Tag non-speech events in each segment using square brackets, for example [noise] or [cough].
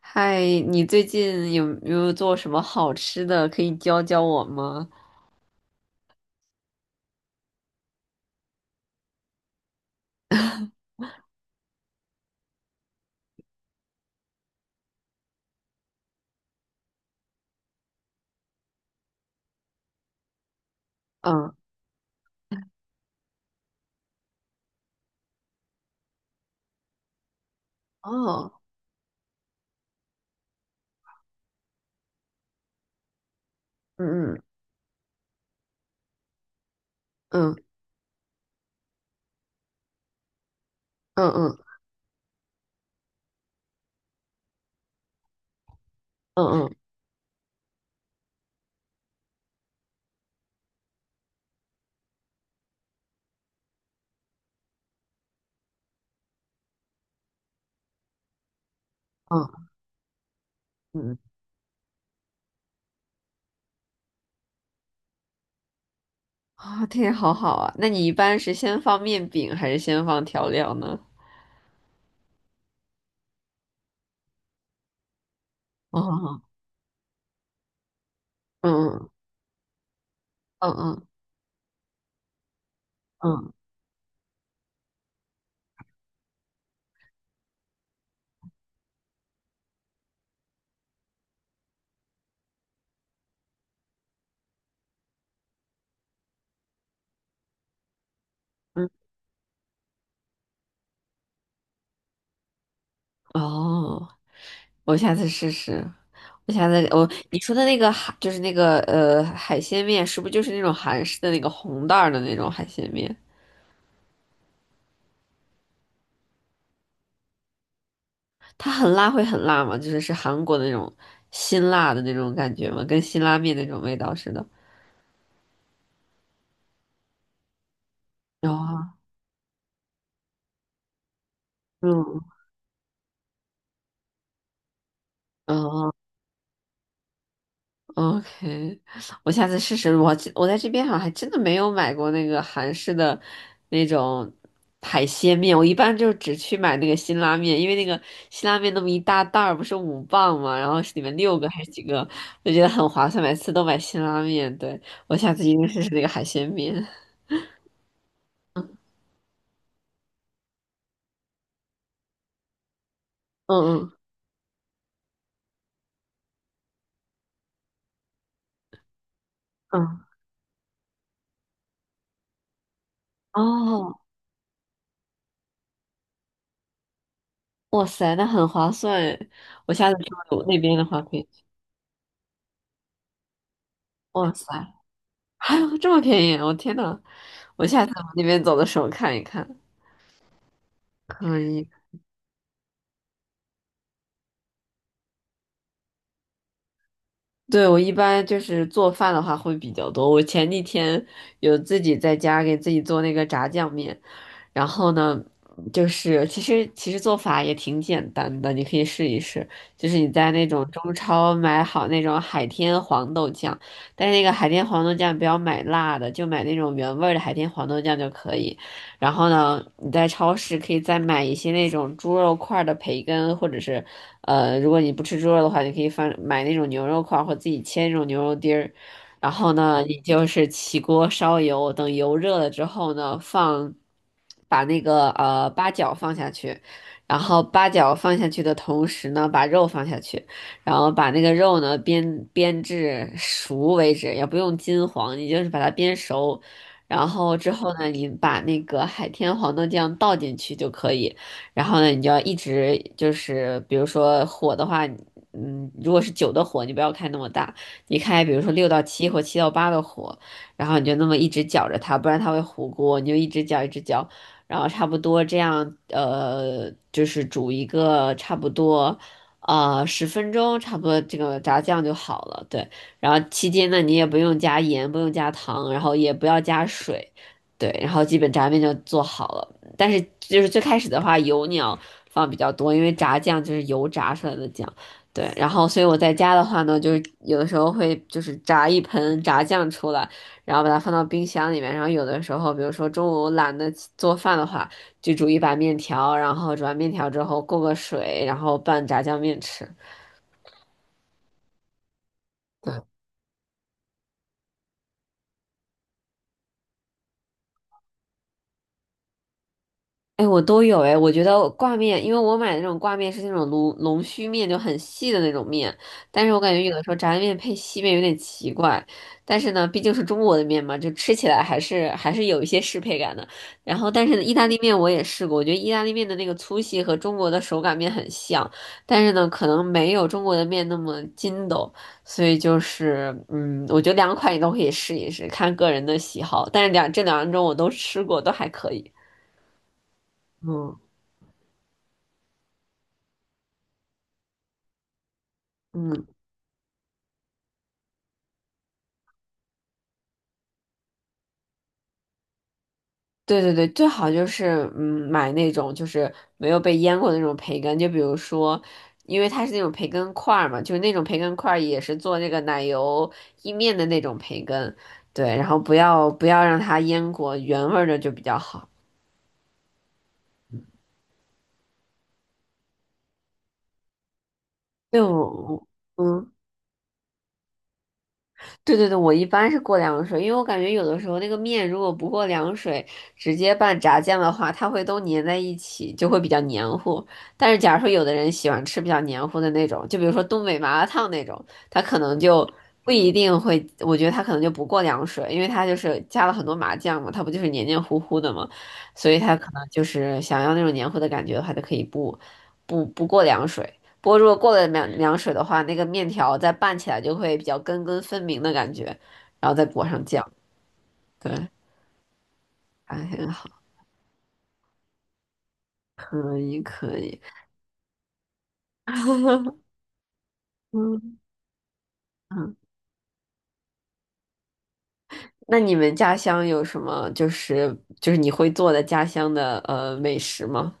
嗨，你最近有没有做什么好吃的？可以教教我吗？嗯，哦，嗯嗯嗯嗯嗯嗯嗯嗯，啊，这好好啊。那你一般是先放面饼还是先放调料呢？哦，嗯嗯嗯嗯嗯，哦，我下次试试。我下次我你说的那个就是那个海鲜面，是不是就是那种韩式的那个红袋儿的那种海鲜面？它很辣会很辣吗？就是韩国的那种辛辣的那种感觉吗？跟辛拉面那种味道似的。有啊，嗯嗯，OK,我下次试试。我在这边好像还真的没有买过那个韩式的那种海鲜面，我一般就只去买那个辛拉面，因为那个辛拉面那么一大袋儿不是5磅嘛，然后是里面六个还是几个，我觉得很划算，每次都买辛拉面。对，我下次一定试试那个海鲜面。嗯嗯嗯，哦。哇塞，那很划算诶！我下次去我那边的话可以。哇塞，还有这么便宜！我天呐，我下次往那边走的时候看一看。可以。对，我一般就是做饭的话会比较多。我前几天有自己在家给自己做那个炸酱面，然后呢，就是其实做法也挺简单的，你可以试一试。就是你在那种中超买好那种海天黄豆酱，但是那个海天黄豆酱不要买辣的，就买那种原味儿的海天黄豆酱就可以。然后呢，你在超市可以再买一些那种猪肉块儿的培根，或者是如果你不吃猪肉的话，你可以买那种牛肉块儿，或自己切那种牛肉丁儿。然后呢，你就是起锅烧油，等油热了之后呢，把那个八角放下去，然后八角放下去的同时呢，把肉放下去，然后把那个肉呢煸至熟为止，也不用金黄，你就是把它煸熟。然后之后呢，你把那个海天黄豆酱倒进去就可以。然后呢，你就要一直就是，比如说火的话，嗯，如果是酒的火，你不要开那么大。你开比如说六到七或七到八的火，然后你就那么一直搅着它，不然它会糊锅，你就一直搅一直搅，然后差不多这样，就是煮一个差不多。10分钟差不多，这个炸酱就好了。对，然后期间呢，你也不用加盐，不用加糖，然后也不要加水，对，然后基本炸面就做好了。但是就是最开始的话，油你要放比较多，因为炸酱就是油炸出来的酱。对，然后所以我在家的话呢，就是有的时候会就是炸一盆炸酱出来，然后把它放到冰箱里面，然后有的时候，比如说中午懒得起做饭的话，就煮一把面条，然后煮完面条之后过个水，然后拌炸酱面吃。哎，我都有哎，我觉得挂面，因为我买的那种挂面是那种龙须面，就很细的那种面，但是我感觉有的时候炸酱面配细面有点奇怪，但是呢，毕竟是中国的面嘛，就吃起来还是有一些适配感的。然后，但是呢意大利面我也试过，我觉得意大利面的那个粗细和中国的手擀面很像，但是呢，可能没有中国的面那么筋斗，所以就是嗯，我觉得两款你都可以试一试，看个人的喜好，但是这两种我都吃过，都还可以，嗯。嗯，对对对，最好就是嗯买那种就是没有被腌过的那种培根，就比如说，因为它是那种培根块儿嘛，就是那种培根块儿也是做那个奶油意面的那种培根，对，然后不要让它腌过，原味儿的就比较好。就嗯。对对对，我一般是过凉水，因为我感觉有的时候那个面如果不过凉水，直接拌炸酱的话，它会都粘在一起，就会比较黏糊。但是假如说有的人喜欢吃比较黏糊的那种，就比如说东北麻辣烫那种，他可能就不一定会，我觉得他可能就不过凉水，因为他就是加了很多麻酱嘛，他不就是黏黏糊糊的嘛，所以他可能就是想要那种黏糊的感觉的话，就可以不过凉水。不过如果过了凉水的话，那个面条再拌起来就会比较根根分明的感觉，然后再裹上酱，对，还很好，可以可以，[laughs] 嗯嗯。那你们家乡有什么就是就是你会做的家乡的美食吗？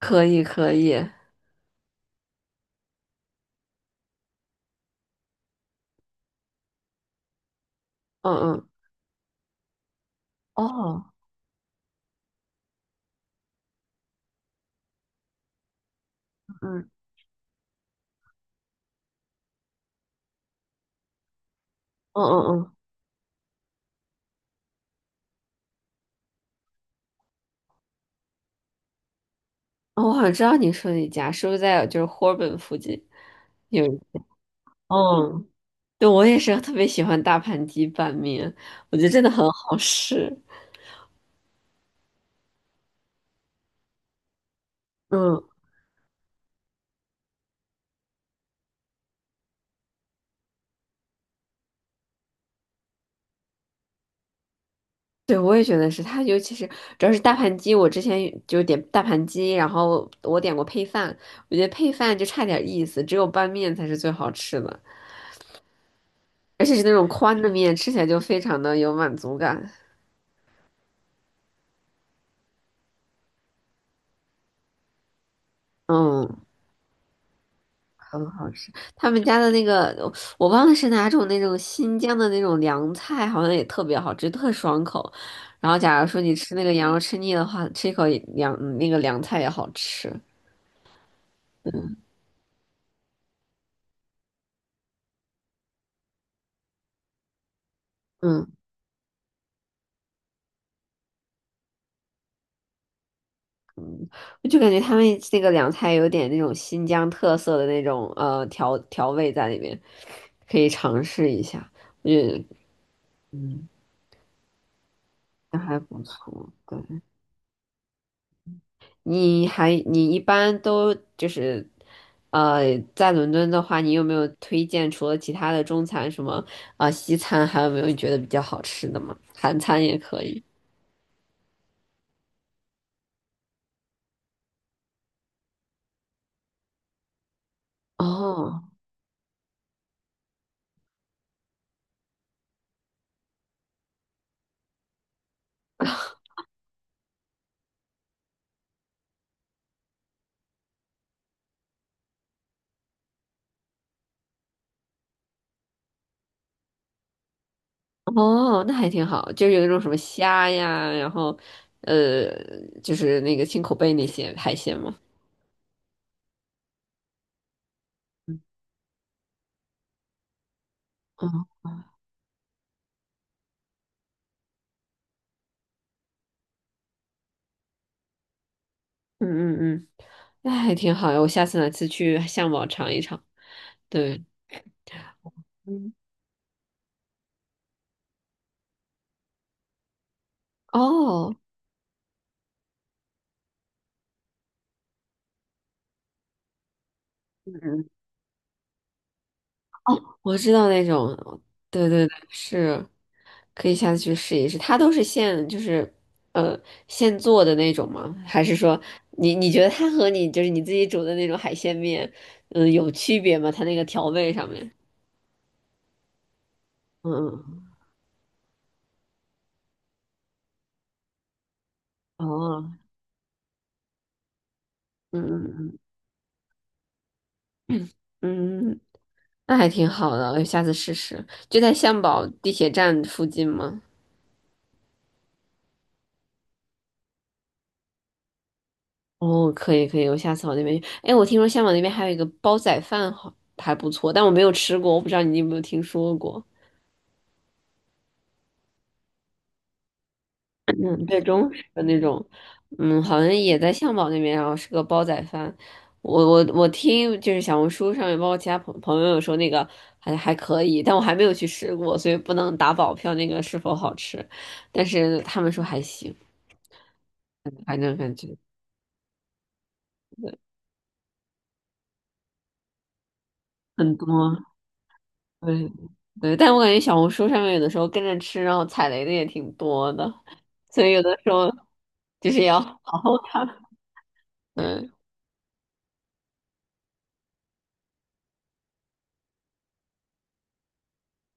可以可以，嗯嗯，哦，嗯嗯嗯嗯，哦我好像知道你说你家是不是在就是霍尔本附近有一家，嗯对，我也是特别喜欢大盘鸡拌面，我觉得真的很好吃。嗯，对，我也觉得是它，尤其是主要是大盘鸡，我之前就点大盘鸡，然后我点过配饭，我觉得配饭就差点意思，只有拌面才是最好吃的，而且是那种宽的面，吃起来就非常的有满足感。嗯，很好吃。他们家的那个，我忘了是哪种那种新疆的那种凉菜，好像也特别好吃，特爽口。然后，假如说你吃那个羊肉吃腻的话，吃一口那个凉菜也好吃。嗯，嗯我就感觉他们那个凉菜有点那种新疆特色的那种调味在里面，可以尝试一下。我觉得嗯，那还不错。对，你一般都就是，在伦敦的话，你有没有推荐除了其他的中餐什么啊、西餐，还有没有你觉得比较好吃的吗？韩餐也可以。哦哦，那还挺好，就是有一种什么虾呀，然后呃，就是那个青口贝那些海鲜嘛。嗯嗯嗯嗯，那还挺好呀，我下次哪次去相宝尝一尝。对，嗯，哦。我知道那种，对对对，是，可以下次去试一试。它都是就是，呃，现做的那种吗？还是说你觉得它和你就是你自己煮的那种海鲜面，嗯、有区别吗？它那个调味上面，嗯嗯，哦，嗯嗯嗯嗯，那还挺好的，我下次试试。就在象堡地铁站附近吗？哦，可以可以，我下次往那边去。哎，我听说香港那边还有一个煲仔饭好，还不错，但我没有吃过，我不知道你有没有听说过。嗯，对，中式的那种，嗯，好像也在象堡那边，然后是个煲仔饭。我听就是小红书上面，包括其他朋友有说那个还可以，但我还没有去吃过，所以不能打保票那个是否好吃。但是他们说还行，反正感觉很多。对对，但我感觉小红书上面有的时候跟着吃，然后踩雷的也挺多的，所以有的时候就是要 [laughs] 好好看。嗯，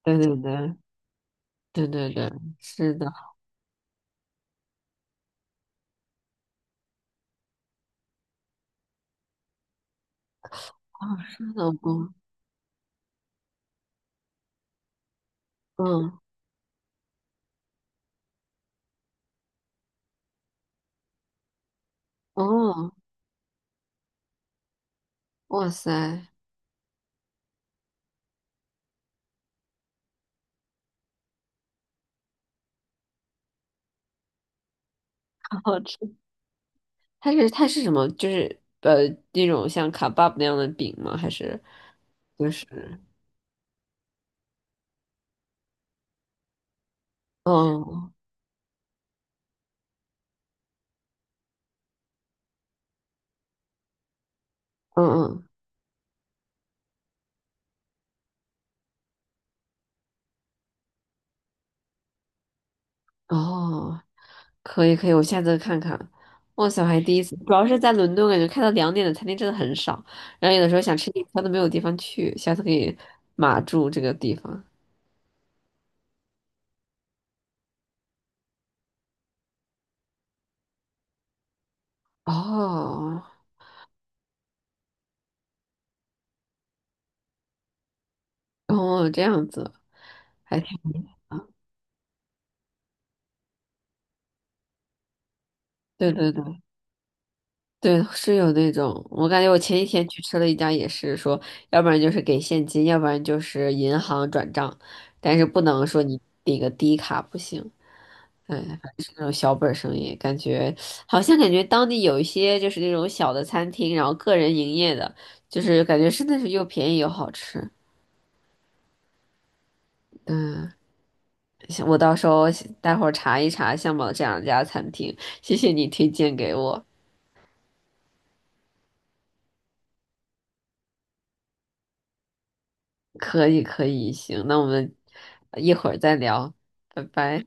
对对对对对对，是的，哦，生老公，嗯，哦，哇塞，好好吃。它是什么？就是那种像卡巴布那样的饼吗？还是就是哦嗯嗯嗯哦，可以可以，我下次看看。哇塞我还第一次，主要是在伦敦，感觉开到2点的餐厅真的很少，然后有的时候想吃点餐都没有地方去，下次可以码住这个地方。哦，哦，这样子，还挺，对对对对，是有那种，我感觉我前几天去吃了一家，也是说，要不然就是给现金，要不然就是银行转账，但是不能说你那个低卡不行。嗯，反正是那种小本儿生意，感觉好像感觉当地有一些就是那种小的餐厅，然后个人营业的，就是感觉真的是又便宜又好吃。嗯，行我到时候待会儿查一查相宝这两家餐厅，谢谢你推荐给我。可以，可以，行，那我们一会儿再聊，拜拜。